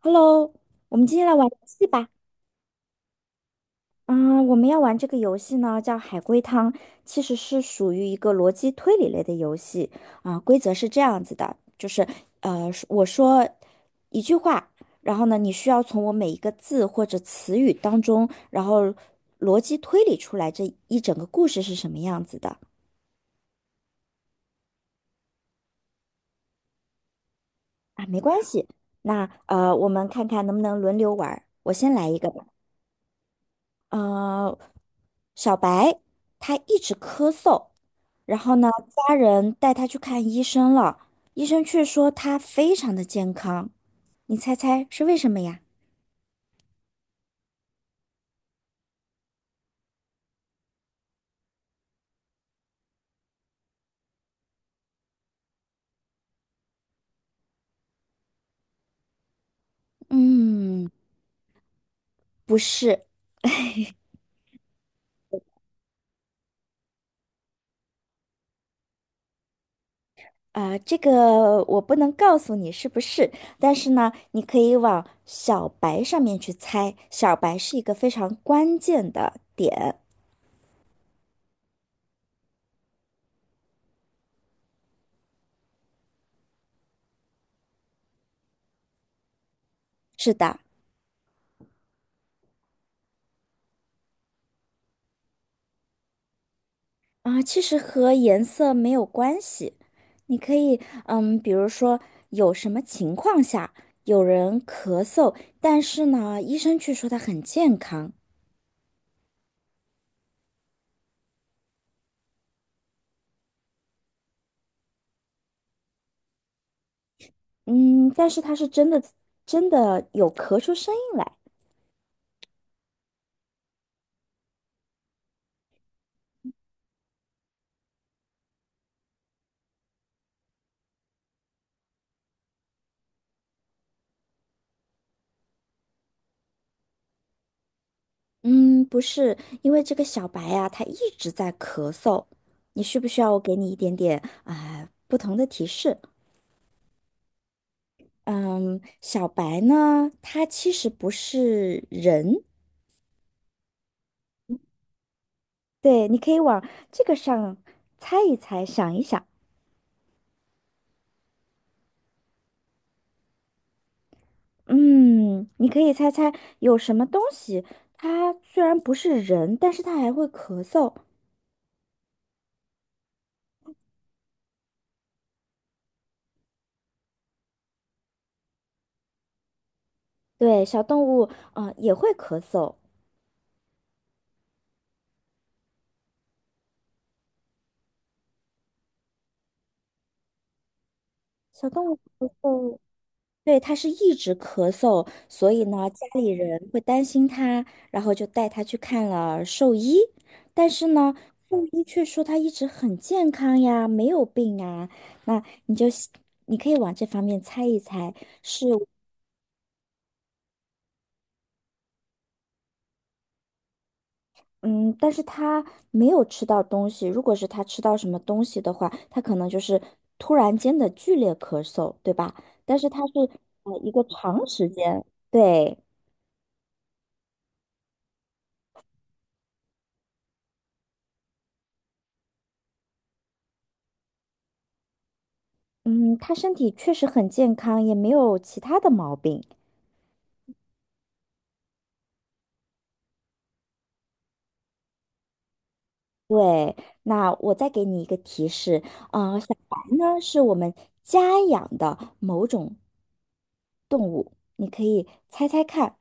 Hello，我们今天来玩游戏吧。嗯，我们要玩这个游戏呢，叫海龟汤，其实是属于一个逻辑推理类的游戏。啊、规则是这样子的，就是我说一句话，然后呢，你需要从我每一个字或者词语当中，然后逻辑推理出来这一整个故事是什么样子的。啊，没关系，那我们看看能不能轮流玩儿。我先来一个吧。呃，小白他一直咳嗽，然后呢，家人带他去看医生了，医生却说他非常的健康。你猜猜是为什么呀？嗯，不是啊，这个我不能告诉你是不是，但是呢，你可以往小白上面去猜，小白是一个非常关键的点。是的。啊，其实和颜色没有关系，你可以，比如说有什么情况下有人咳嗽，但是呢，医生却说他很健康，嗯，但是他是真的真的有咳出声音来，嗯，不是，因为这个小白呀，他一直在咳嗽，你需不需要我给你一点点啊，不同的提示？嗯，小白呢，他其实不是人，对，你可以往这个上猜一猜，想一想。嗯，你可以猜猜有什么东西，它虽然不是人，但是它还会咳嗽。对，小动物啊，也会咳嗽。小动物咳嗽，对，它是一直咳嗽，所以呢，家里人会担心它，然后就带它去看了兽医。但是呢，兽医却说它一直很健康呀，没有病啊。那你就你可以往这方面猜一猜。是。嗯，但是他没有吃到东西。如果是他吃到什么东西的话，他可能就是突然间的剧烈咳嗽，对吧？但是他是一个长时间，对，嗯，他身体确实很健康，也没有其他的毛病。对，那我再给你一个提示，啊，小白呢是我们家养的某种，你可以猜猜看，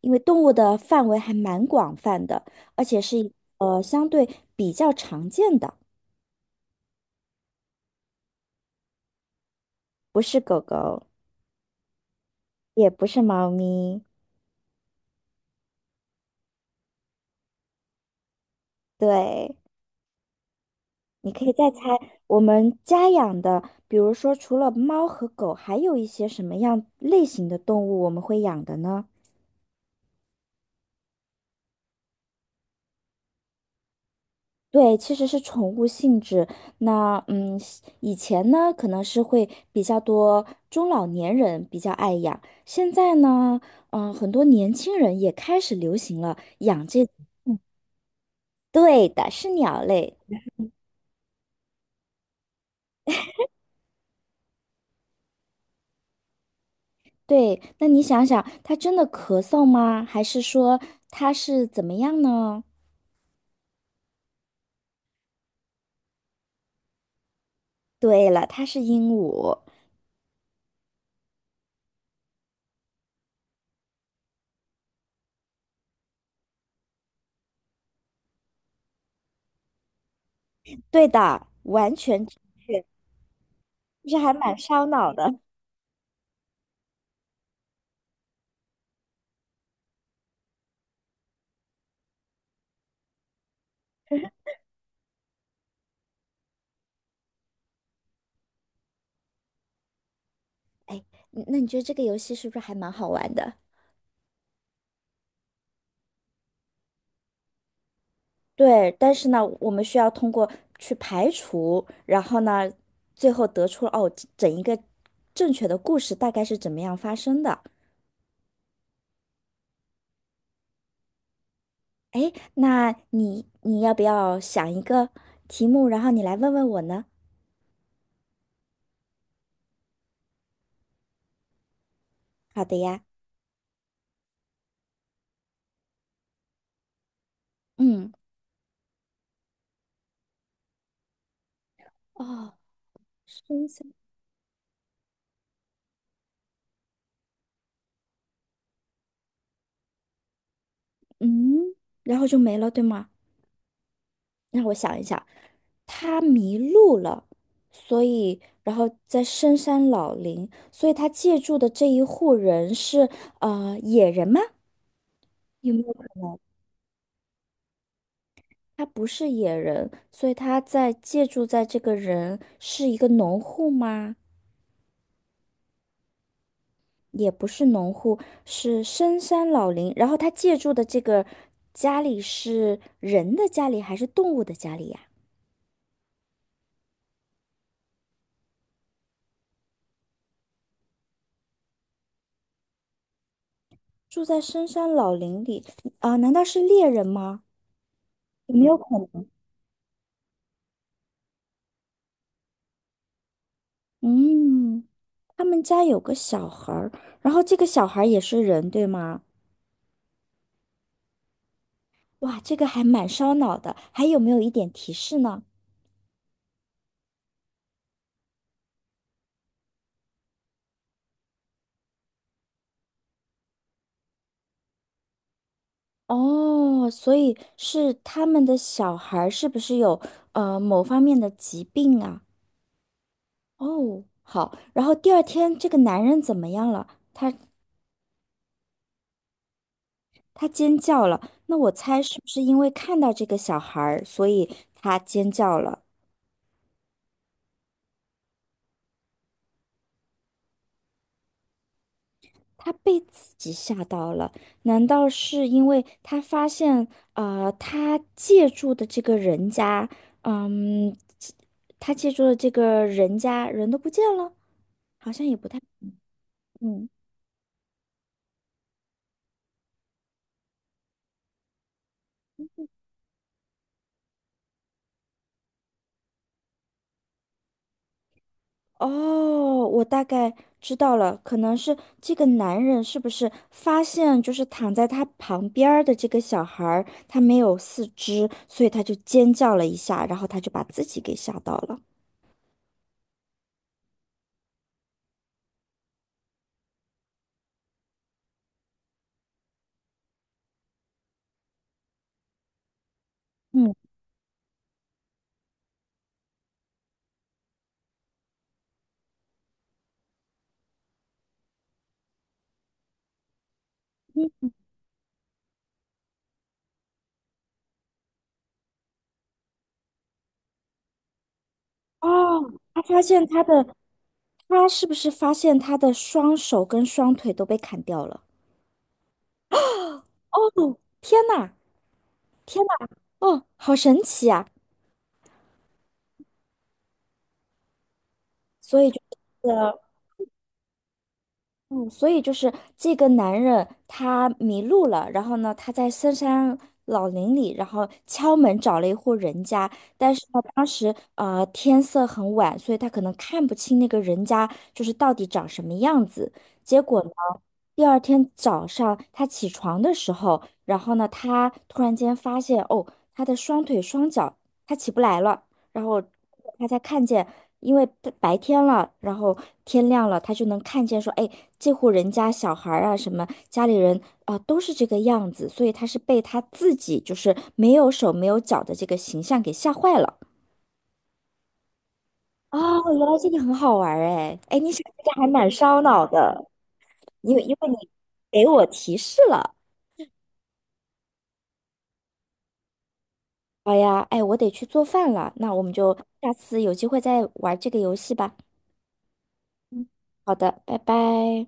因为动物的范围还蛮广泛的，而且是相对比较常见的。不是狗狗，也不是猫咪。对，你可以再猜我们家养的，比如说除了猫和狗，还有一些什么样类型的动物我们会养的呢？对，其实是宠物性质。那以前呢可能是会比较多中老年人比较爱养，现在呢，很多年轻人也开始流行了养这，嗯对的，是鸟类。对，那你想想，他真的咳嗽吗？还是说他是怎么样呢？对了，他是鹦鹉。对的，完全正确，就是还蛮烧脑的。哎，那你觉得这个游戏是不是还蛮好玩的？对，但是呢，我们需要通过去排除，然后呢，最后得出哦，整一个正确的故事大概是怎么样发生的。哎，那你要不要想一个题目，然后你来问问我呢？好的呀，嗯。哦，生下，嗯，然后就没了，对吗？让我想一想，他迷路了，所以，然后在深山老林，所以他借住的这一户人是野人吗？有没有可能他不是野人，所以他在借住在这个人是一个农户吗？也不是农户，是深山老林。然后他借住的这个家里是人的家里还是动物的家里呀？住在深山老林里啊，难道是猎人吗？有没有可能？嗯，他们家有个小孩儿，然后这个小孩儿也是人，对吗？哇，这个还蛮烧脑的，还有没有一点提示呢？哦，所以是他们的小孩儿是不是有某方面的疾病啊？哦，好，然后第二天这个男人怎么样了？他尖叫了，那我猜是不是因为看到这个小孩儿，所以他尖叫了？他被自己吓到了，难道是因为他发现，他借住的这个人家，嗯，他借住的这个人家人都不见了？好像也不太，嗯，哦，我大概知道了，可能是这个男人是不是发现就是躺在他旁边儿的这个小孩儿，他没有四肢，所以他就尖叫了一下，然后他就把自己给吓到了。嗯嗯，哦，他是不是发现他的双手跟双腿都被砍掉了？哦，天呐，天呐，哦，好神奇啊！所以就是嗯，所以就是这个男人他迷路了，然后呢，他在深山老林里，然后敲门找了一户人家，但是呢，当时天色很晚，所以他可能看不清那个人家就是到底长什么样子。结果呢，第二天早上他起床的时候，然后呢，他突然间发现哦，他的双腿双脚他起不来了。然后他才看见，因为白天了，然后天亮了，他就能看见说，哎，这户人家小孩儿啊，什么家里人啊，都是这个样子，所以他是被他自己就是没有手没有脚的这个形象给吓坏了。哦，原来这个很好玩儿哎，哎，你想这个还蛮烧脑的，因为你给我提示了。好呀，哎，我得去做饭了，那我们就下次有机会再玩这个游戏吧。好的，拜拜。